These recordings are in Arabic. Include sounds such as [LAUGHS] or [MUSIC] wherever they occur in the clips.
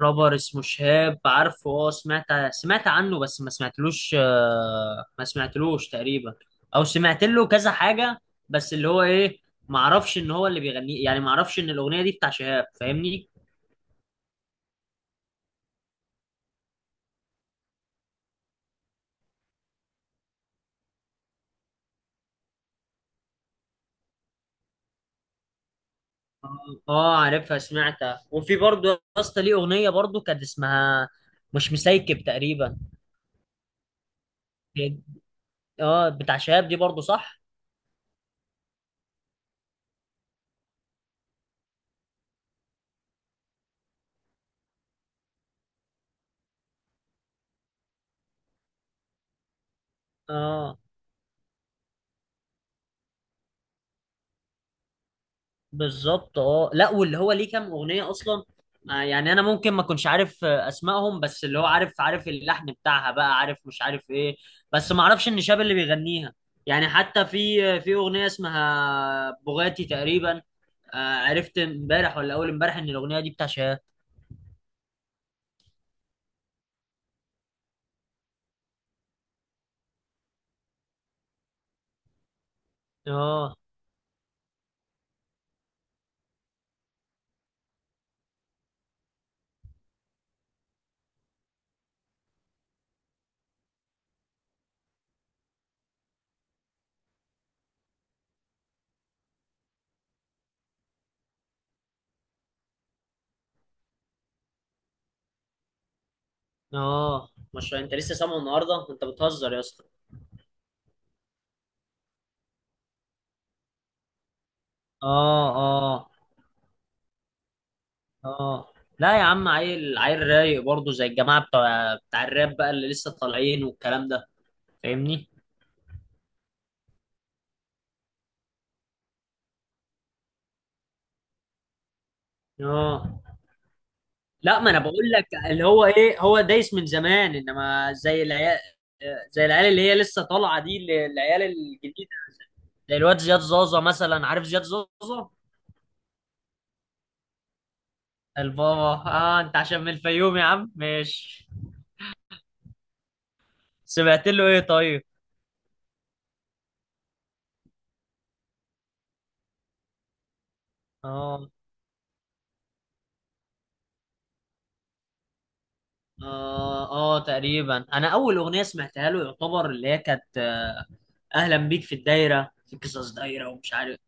رابر اسمه شهاب، عارفه. اه، سمعت عنه بس ما سمعتلوش. ما سمعتلوش تقريبا، او سمعت له كذا حاجة. بس اللي هو ايه، ما اعرفش ان هو اللي بيغنيه، يعني ما اعرفش ان الاغنية دي بتاع شهاب، فاهمني؟ اه، عارفها، سمعتها. وفي برضه يا اسطى ليه اغنية برضه كانت اسمها مش مسيكب تقريبا. اه، بتاع شهاب دي برضه، صح. اه بالظبط. اه لا، واللي هو ليه كام اغنيه اصلا. يعني انا ممكن ما اكونش عارف اسمائهم، بس اللي هو عارف، عارف اللحن بتاعها بقى، عارف، مش عارف ايه. بس ما اعرفش ان شاب اللي بيغنيها. يعني حتى في في اغنيه اسمها بوغاتي تقريبا. عرفت امبارح ولا اول امبارح ان الاغنيه دي بتاع شهاب. اه اه. مش انت لسه سامعه النهارده؟ انت بتهزر يا اسطى. اه اه اه. لا يا عم، عيل رايق برضه زي الجماعه بتوع بتاع الراب بقى اللي لسه طالعين والكلام ده، فاهمني. اه، لا ما انا بقول لك اللي هو ايه، هو دايس من زمان، انما زي العيال، زي العيال اللي هي لسه طالعه دي، العيال الجديده. زي الواد زياد زازا مثلا، عارف زياد زازا؟ البابا. اه انت عشان من الفيوم يا عم، ماشي. سمعت له ايه طيب؟ اه اه اه تقريبا. انا اول اغنيه سمعتها له يعتبر اللي هي كانت اهلا بيك في الدايره، في قصص دايره ومش عارف.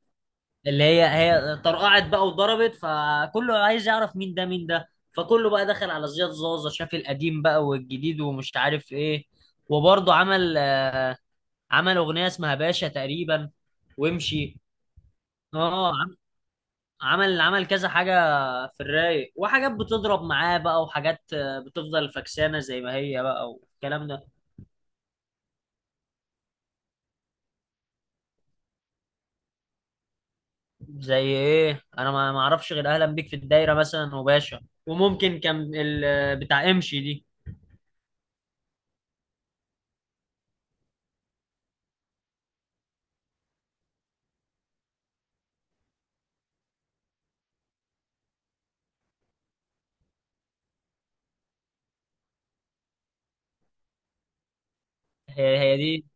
اللي هي طرقعت بقى وضربت، فكله عايز يعرف مين ده مين ده، فكله بقى دخل على زياد زازا، شاف القديم بقى والجديد ومش عارف ايه. وبرضه عمل عمل اغنيه اسمها باشا تقريبا، وامشي. اه، عمل كذا حاجه. في الرايق، وحاجات بتضرب معاه بقى، وحاجات بتفضل فكسانه زي ما هي بقى والكلام ده. زي ايه؟ انا ما اعرفش غير اهلا بيك في الدايره مثلا، وباشا، وممكن كان بتاع امشي دي. هي هي دي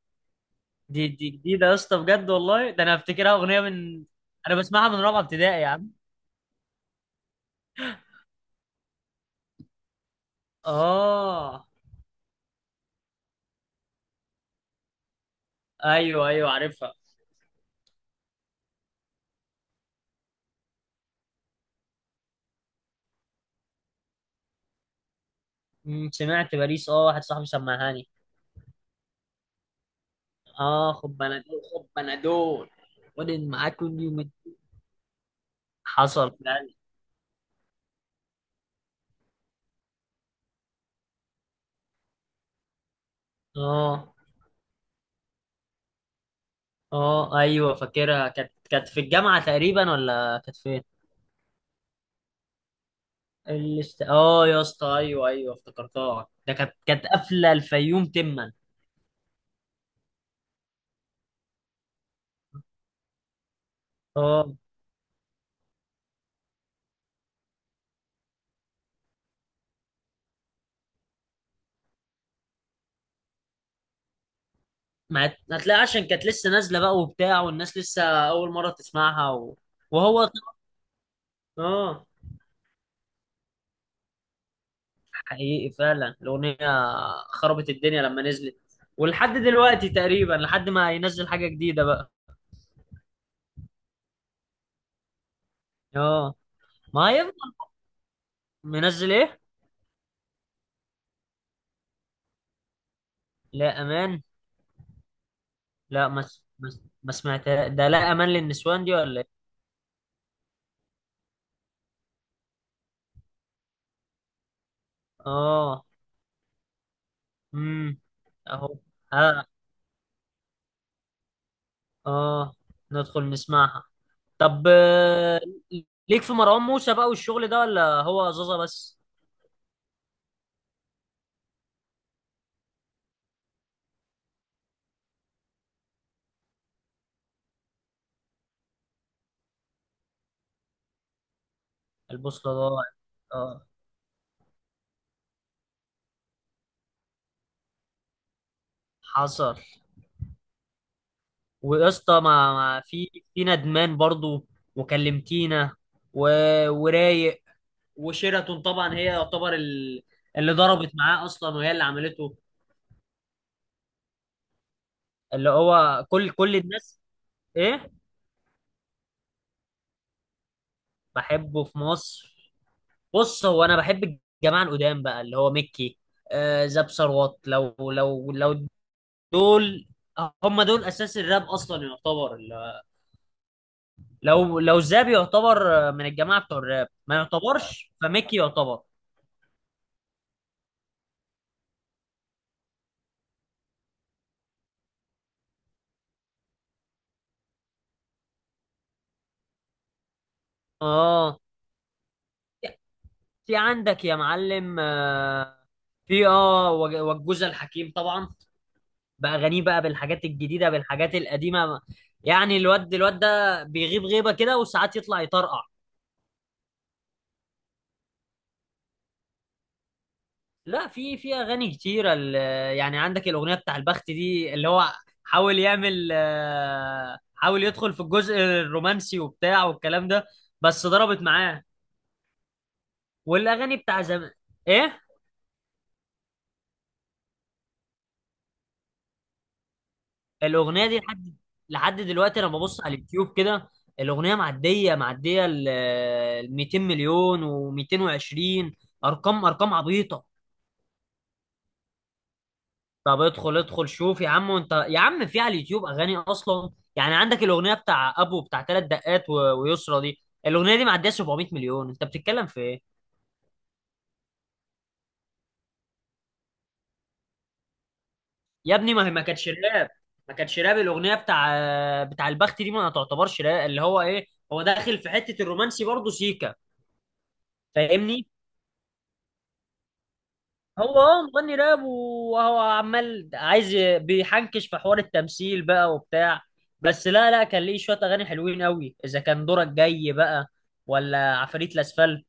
دي دي جديدة يا اسطى، بجد والله، ده انا افتكرها اغنية من. انا بسمعها من رابعة ابتدائي يا عم. اه ايوه ايوه، عارفها. أمم، سمعت باريس. اه، واحد صاحبي سمعهاني. اه، خد بنادول خد بنادول، ودن معاك كل يوم. حصل فعلا. اه اه ايوه فاكرها، كانت كانت في الجامعة تقريبا، ولا كانت فين؟ اه يا اسطى، ايوه ايوه افتكرتها، ده كانت كانت قافلة الفيوم تما. اه ما هتلاقي، عشان كانت لسه نازله بقى وبتاع، والناس لسه اول مره تسمعها و... وهو طبعاً- اه. حقيقي فعلا الاغنيه خربت الدنيا لما نزلت، ولحد دلوقتي تقريبا، لحد ما ينزل حاجه جديده بقى. اه ما هيفضل. منزل ايه؟ لا امان. لا ما سمعتها، ده لا امان للنسوان دي ولا ايه؟ اه. امم. اهو. اه اه. ندخل نسمعها. طب ليك في مروان موسى بقى والشغل ده، ولا هو زازا بس؟ البوصلة ضاعت. اه حصل. ويا اسطى، ما في ندمان برضو، وكلمتينا، و... ورايق، وشيراتون طبعا، هي يعتبر ال... اللي ضربت معاه اصلا، وهي اللي عملته. اللي هو كل الناس. ايه؟ بحبه في مصر. بص، هو انا بحب الجماعه القدام بقى، اللي هو ميكي، آه، زاب ثروت، لو لو لو، دول هم دول اساس الراب اصلا يعتبر. لو لو زاب يعتبر من الجماعه بتوع الراب، ما يعتبرش. فميكي يعتبر. اه في عندك يا معلم في اه والجوزة الحكيم طبعا، باغانيه بقى، بالحاجات الجديده، بالحاجات القديمه. يعني الواد ده بيغيب غيبه كده، وساعات يطلع يطرقع. لا في اغاني كتيره يعني عندك الاغنيه بتاع البخت دي، اللي هو حاول يعمل حاول يدخل في الجزء الرومانسي وبتاع والكلام ده، بس ضربت معاه. والاغاني بتاع زمان. ايه؟ الاغنيه دي لحد، لحد دلوقتي، لما ببص على اليوتيوب كده الاغنيه معديه، معديه ال 200 مليون، و220. ارقام عبيطه. طب ادخل شوف يا عم، وانت يا عم في على اليوتيوب اغاني اصلا. يعني عندك الاغنيه بتاع ابو، بتاع ثلاث دقات ويسرا دي، الاغنيه دي معديه 700 مليون، انت بتتكلم في ايه؟ يا ابني ما هي ما كانتش راب، ما كانتش راب. الاغنيه بتاع البخت دي ما تعتبرش راب، اللي هو ايه، هو داخل في حته الرومانسي برضه سيكا، فاهمني؟ هو اه مغني راب، وهو عمال عايز بيحنكش في حوار التمثيل بقى وبتاع. بس لا لا، كان ليه شوية أغاني حلوين قوي، إذا كان دورك جاي بقى، ولا عفاريت الأسفلت،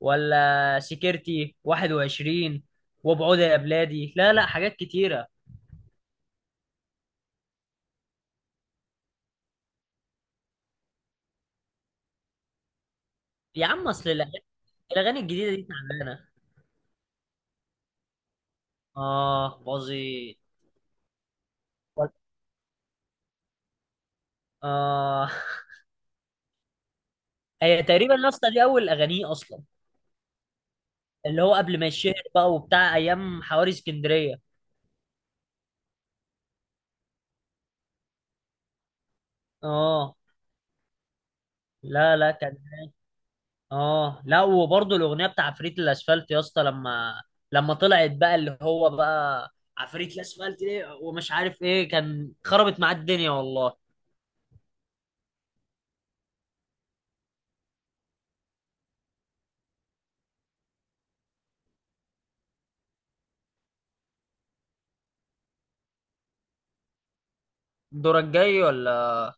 ولا سكرتي 21، وبعود يا بلادي، لا لا حاجات كتيرة. يا عم أصل الأغاني، الأغاني الجديدة دي تعبانة. آه باظي. آه [LAUGHS] هي تقريبا النص دي أول أغانيه أصلا، اللي هو قبل ما يشهر بقى وبتاع، أيام حواري اسكندرية. اه لا لا كان اه، لا وبرضه الاغنيه بتاع عفريت الاسفلت يا اسطى، لما طلعت بقى، اللي هو بقى عفريت الاسفلت ليه ومش عارف ايه، كان خربت معاه الدنيا والله. دورك جاي ولا.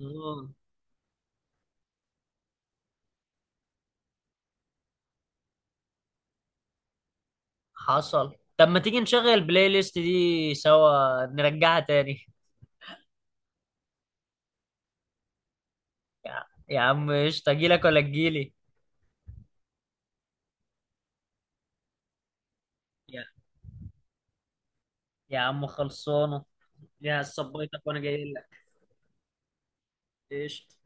اه حصل. طب ما تيجي نشغل البلاي ليست دي سوا، نرجعها تاني. يا عم قشطه، اجيلك ولا تجيلي؟ يا, يا عم خلصانه. يا صبيتك وانا جاي لك. قشطه.